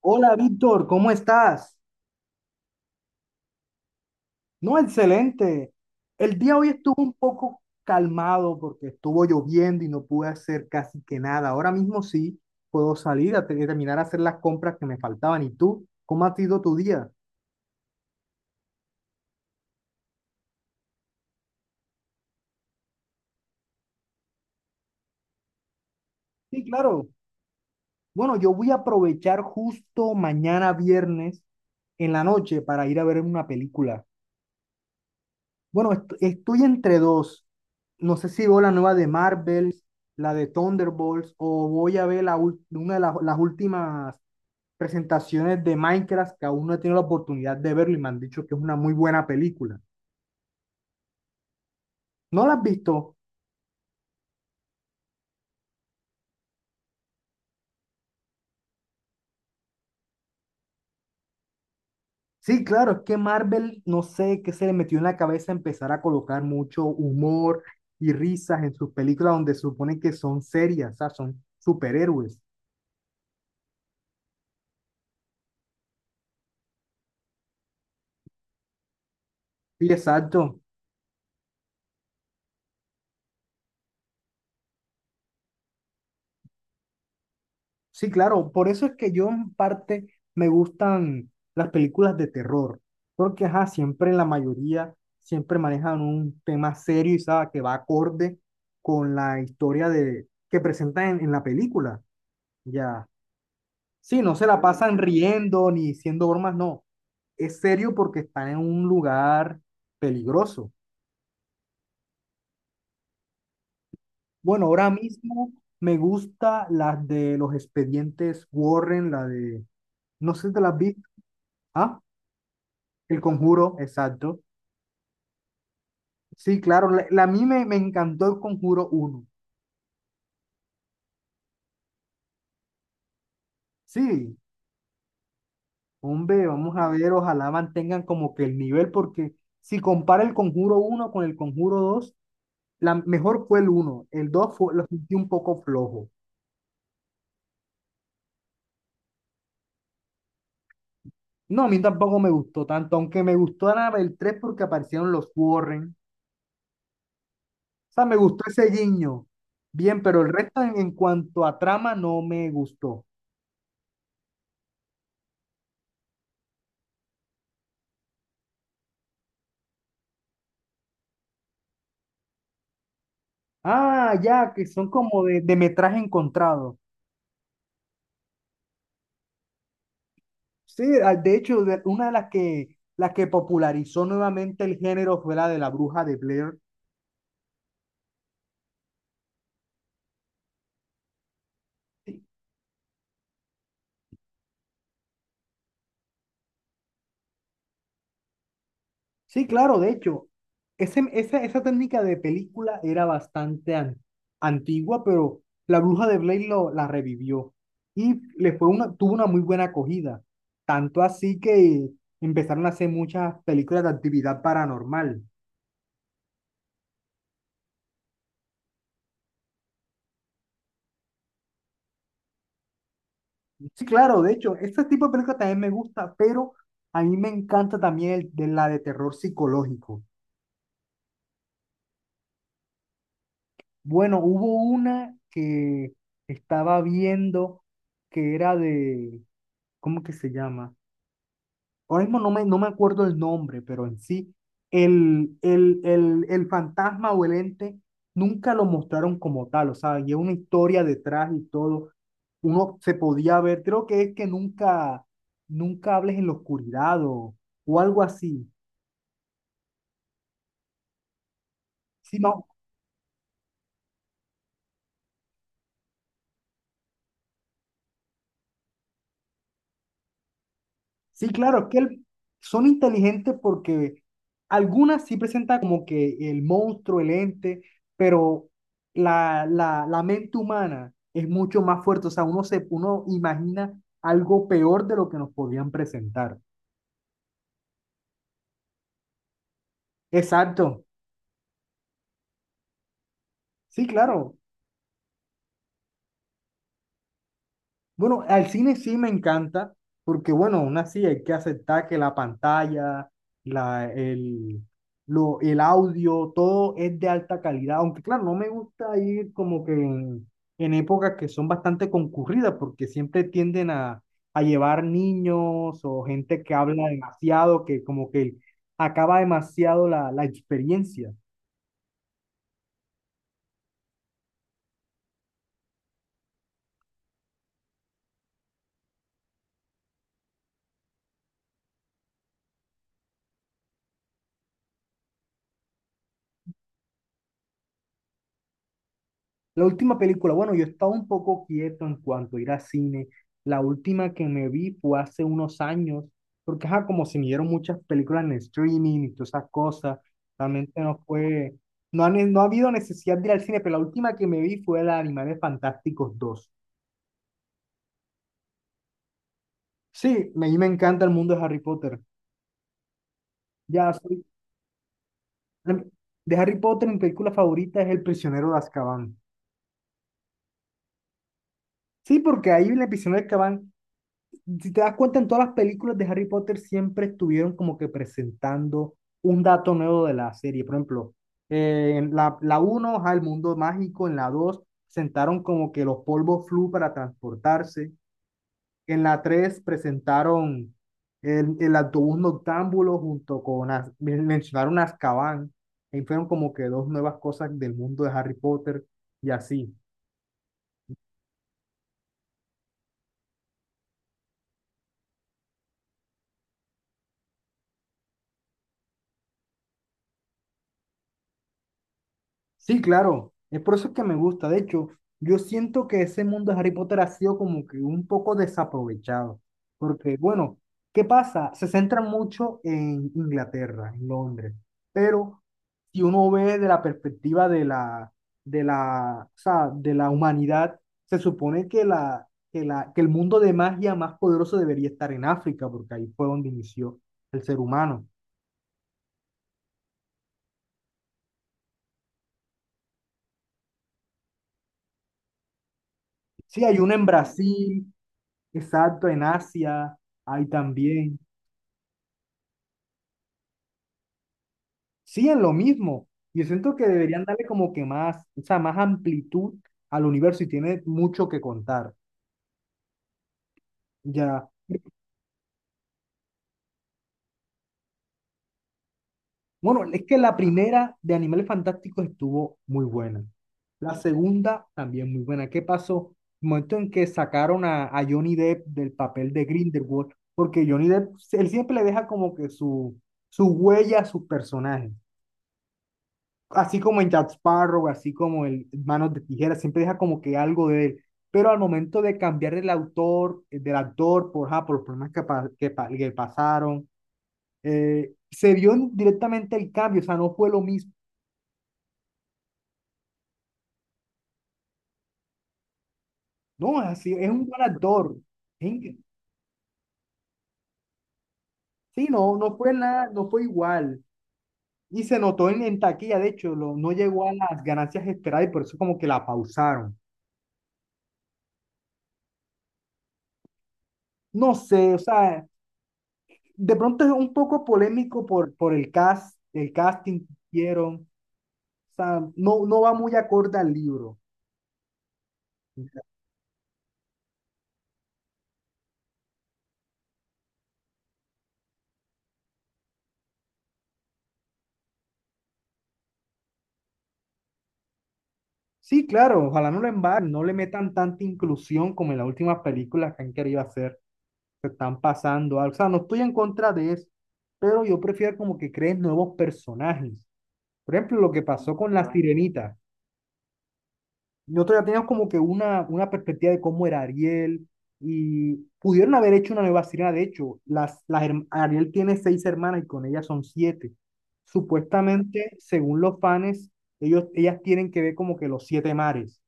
Hola Víctor, ¿cómo estás? No, excelente. El día hoy estuvo un poco calmado porque estuvo lloviendo y no pude hacer casi que nada. Ahora mismo sí puedo salir a terminar a hacer las compras que me faltaban. ¿Y tú? ¿Cómo ha sido tu día? Sí, claro. Bueno, yo voy a aprovechar justo mañana viernes en la noche para ir a ver una película. Bueno, estoy entre dos. No sé si veo la nueva de Marvel, la de Thunderbolts, o voy a ver una de las últimas presentaciones de Minecraft que aún no he tenido la oportunidad de verlo y me han dicho que es una muy buena película. ¿No la has visto? Sí, claro, es que Marvel, no sé qué se le metió en la cabeza empezar a colocar mucho humor y risas en sus películas donde se supone que son serias, o sea, son superhéroes. Sí, exacto. Sí, claro, por eso es que yo en parte me gustan las películas de terror, porque ajá, siempre en la mayoría, siempre manejan un tema serio y sabe que va acorde con la historia de, que presentan en la película. Ya, sí, no se la pasan riendo ni diciendo bromas, no. Es serio porque están en un lugar peligroso. Bueno, ahora mismo me gusta las de los expedientes Warren, la de, no sé si te las vi, ¿ah? El Conjuro, exacto. Sí, claro, a mí me encantó el Conjuro uno. Sí, hombre, vamos a ver, ojalá mantengan como que el nivel, porque si compara el Conjuro uno con el Conjuro dos, la mejor fue el uno, el 2 fue, lo sentí un poco flojo. No, a mí tampoco me gustó tanto, aunque me gustó nada el 3 porque aparecieron los Warren. O sea, me gustó ese guiño. Bien, pero el resto en cuanto a trama no me gustó. Ah, ya, que son como de, metraje encontrado. Sí, ah, de hecho, una de las que popularizó nuevamente el género fue la de la bruja de Blair. Sí, sí, claro, de hecho, esa técnica de película era bastante antigua, pero la bruja de Blair la revivió y tuvo una muy buena acogida. Tanto así que empezaron a hacer muchas películas de actividad paranormal. Sí, claro, de hecho, este tipo de películas también me gusta, pero a mí me encanta también el, de la de terror psicológico. Bueno, hubo una que estaba viendo que era de, ¿cómo que se llama? Ahora mismo no me, acuerdo el nombre, pero en sí, el fantasma o el ente nunca lo mostraron como tal, o sea, y es una historia detrás y todo. Uno se podía ver, creo que es que nunca, hables en la oscuridad o algo así. Sí, sí, claro, es que son inteligentes porque algunas sí presentan como que el monstruo, el ente, pero la mente humana es mucho más fuerte. O sea, uno imagina algo peor de lo que nos podían presentar. Exacto. Sí, claro. Bueno, al cine sí me encanta, porque bueno, aún así hay que aceptar que la pantalla, la, el, el audio, todo es de alta calidad, aunque claro, no me gusta ir como que en, épocas que son bastante concurridas, porque siempre tienden a llevar niños o gente que habla demasiado, que como que acaba demasiado la experiencia. La última película, bueno, yo estaba un poco quieto en cuanto a ir al cine. La última que me vi fue hace unos años, porque ajá, como se me dieron muchas películas en streaming y todas esas cosas, realmente no ha habido necesidad de ir al cine, pero la última que me vi fue la de Animales Fantásticos dos. Sí, a mí me encanta el mundo de Harry Potter. Ya soy, em, de Harry Potter, mi película favorita es El prisionero de Azkaban. Sí, porque ahí en El prisionero de Azkaban, si te das cuenta, en todas las películas de Harry Potter siempre estuvieron como que presentando un dato nuevo de la serie. Por ejemplo, en la, uno ajá, el mundo mágico, en la 2 presentaron como que los polvos flu para transportarse. En la 3 presentaron el autobús noctámbulo junto con, mencionaron Azkaban. Y fueron como que dos nuevas cosas del mundo de Harry Potter y así. Sí, claro, es por eso que me gusta. De hecho, yo siento que ese mundo de Harry Potter ha sido como que un poco desaprovechado. Porque, bueno, ¿qué pasa? Se centra mucho en Inglaterra, en Londres. Pero si uno ve de la perspectiva o sea, de la humanidad, se supone que el mundo de magia más poderoso debería estar en África, porque ahí fue donde inició el ser humano. Sí, hay uno en Brasil. Exacto, en Asia hay también. Sí, en lo mismo. Yo siento que deberían darle como que más, o sea, más amplitud al universo y tiene mucho que contar. Ya. Bueno, es que la primera de Animales Fantásticos estuvo muy buena. La segunda también muy buena. ¿Qué pasó? El momento en que sacaron a, Johnny Depp del papel de Grindelwald, porque Johnny Depp, él siempre le deja como que su huella a sus personajes. Así como en Jack Sparrow, así como el Manos de Tijera, siempre deja como que algo de él. Pero al momento de cambiar del actor, por los problemas que pasaron, se vio directamente el cambio, o sea, no fue lo mismo. No, es así, es un buen actor. Es inc- Sí, no, no fue nada, no fue igual. Y se notó en taquilla, de hecho, no llegó a las ganancias esperadas y por eso como que la pausaron. No sé, o sea, de pronto es un poco polémico por el casting que hicieron. O sea, no, no va muy acorde al libro. Sí, claro, ojalá no lo embarren, no le metan tanta inclusión como en las últimas películas que han querido hacer. Se están pasando algo. O sea, no estoy en contra de eso, pero yo prefiero como que creen nuevos personajes. Por ejemplo, lo que pasó con la sirenita. Nosotros ya teníamos como que una perspectiva de cómo era Ariel y pudieron haber hecho una nueva sirena. De hecho, Ariel tiene seis hermanas y con ellas son siete. Supuestamente, según los fans, ellas tienen que ver como que los siete mares.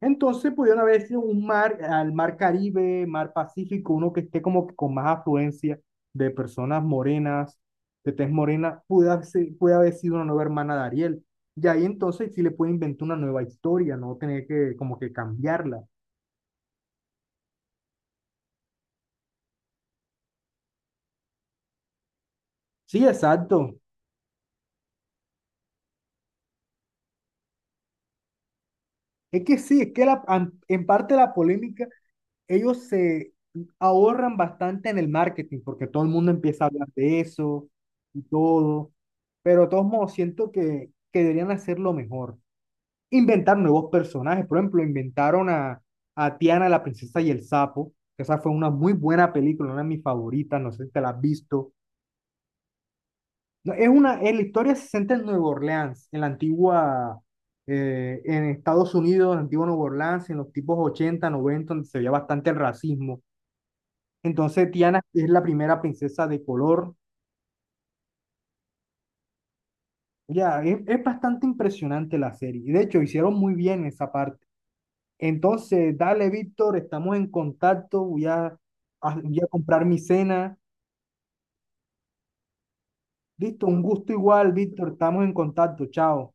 Entonces pudieron haber sido un mar, al mar Caribe, mar Pacífico, uno que esté como que con más afluencia de personas morenas, de tez morena, puede haber, puede haber sido una nueva hermana de Ariel. Y ahí entonces sí le puede inventar una nueva historia, no tener que como que cambiarla. Sí, exacto. Es que sí, es que en parte la polémica ellos se ahorran bastante en el marketing porque todo el mundo empieza a hablar de eso y todo. Pero de todos modos, siento que deberían hacerlo mejor. Inventar nuevos personajes. Por ejemplo, inventaron a, Tiana, la princesa y el sapo. Que Esa fue una muy buena película, una de mis favoritas. No sé si te la has visto. No, es la historia se centra en Nueva Orleans, en la antigua, en Estados Unidos, en la antigua Nueva Orleans, en los tipos 80 90 donde se veía bastante el racismo. Entonces Tiana es la primera princesa de color. Ya, es bastante impresionante la serie. Y de hecho, hicieron muy bien esa parte. Entonces, dale, Víctor, estamos en contacto. Voy a comprar mi cena. Listo, un gusto igual, Víctor. Estamos en contacto. Chao.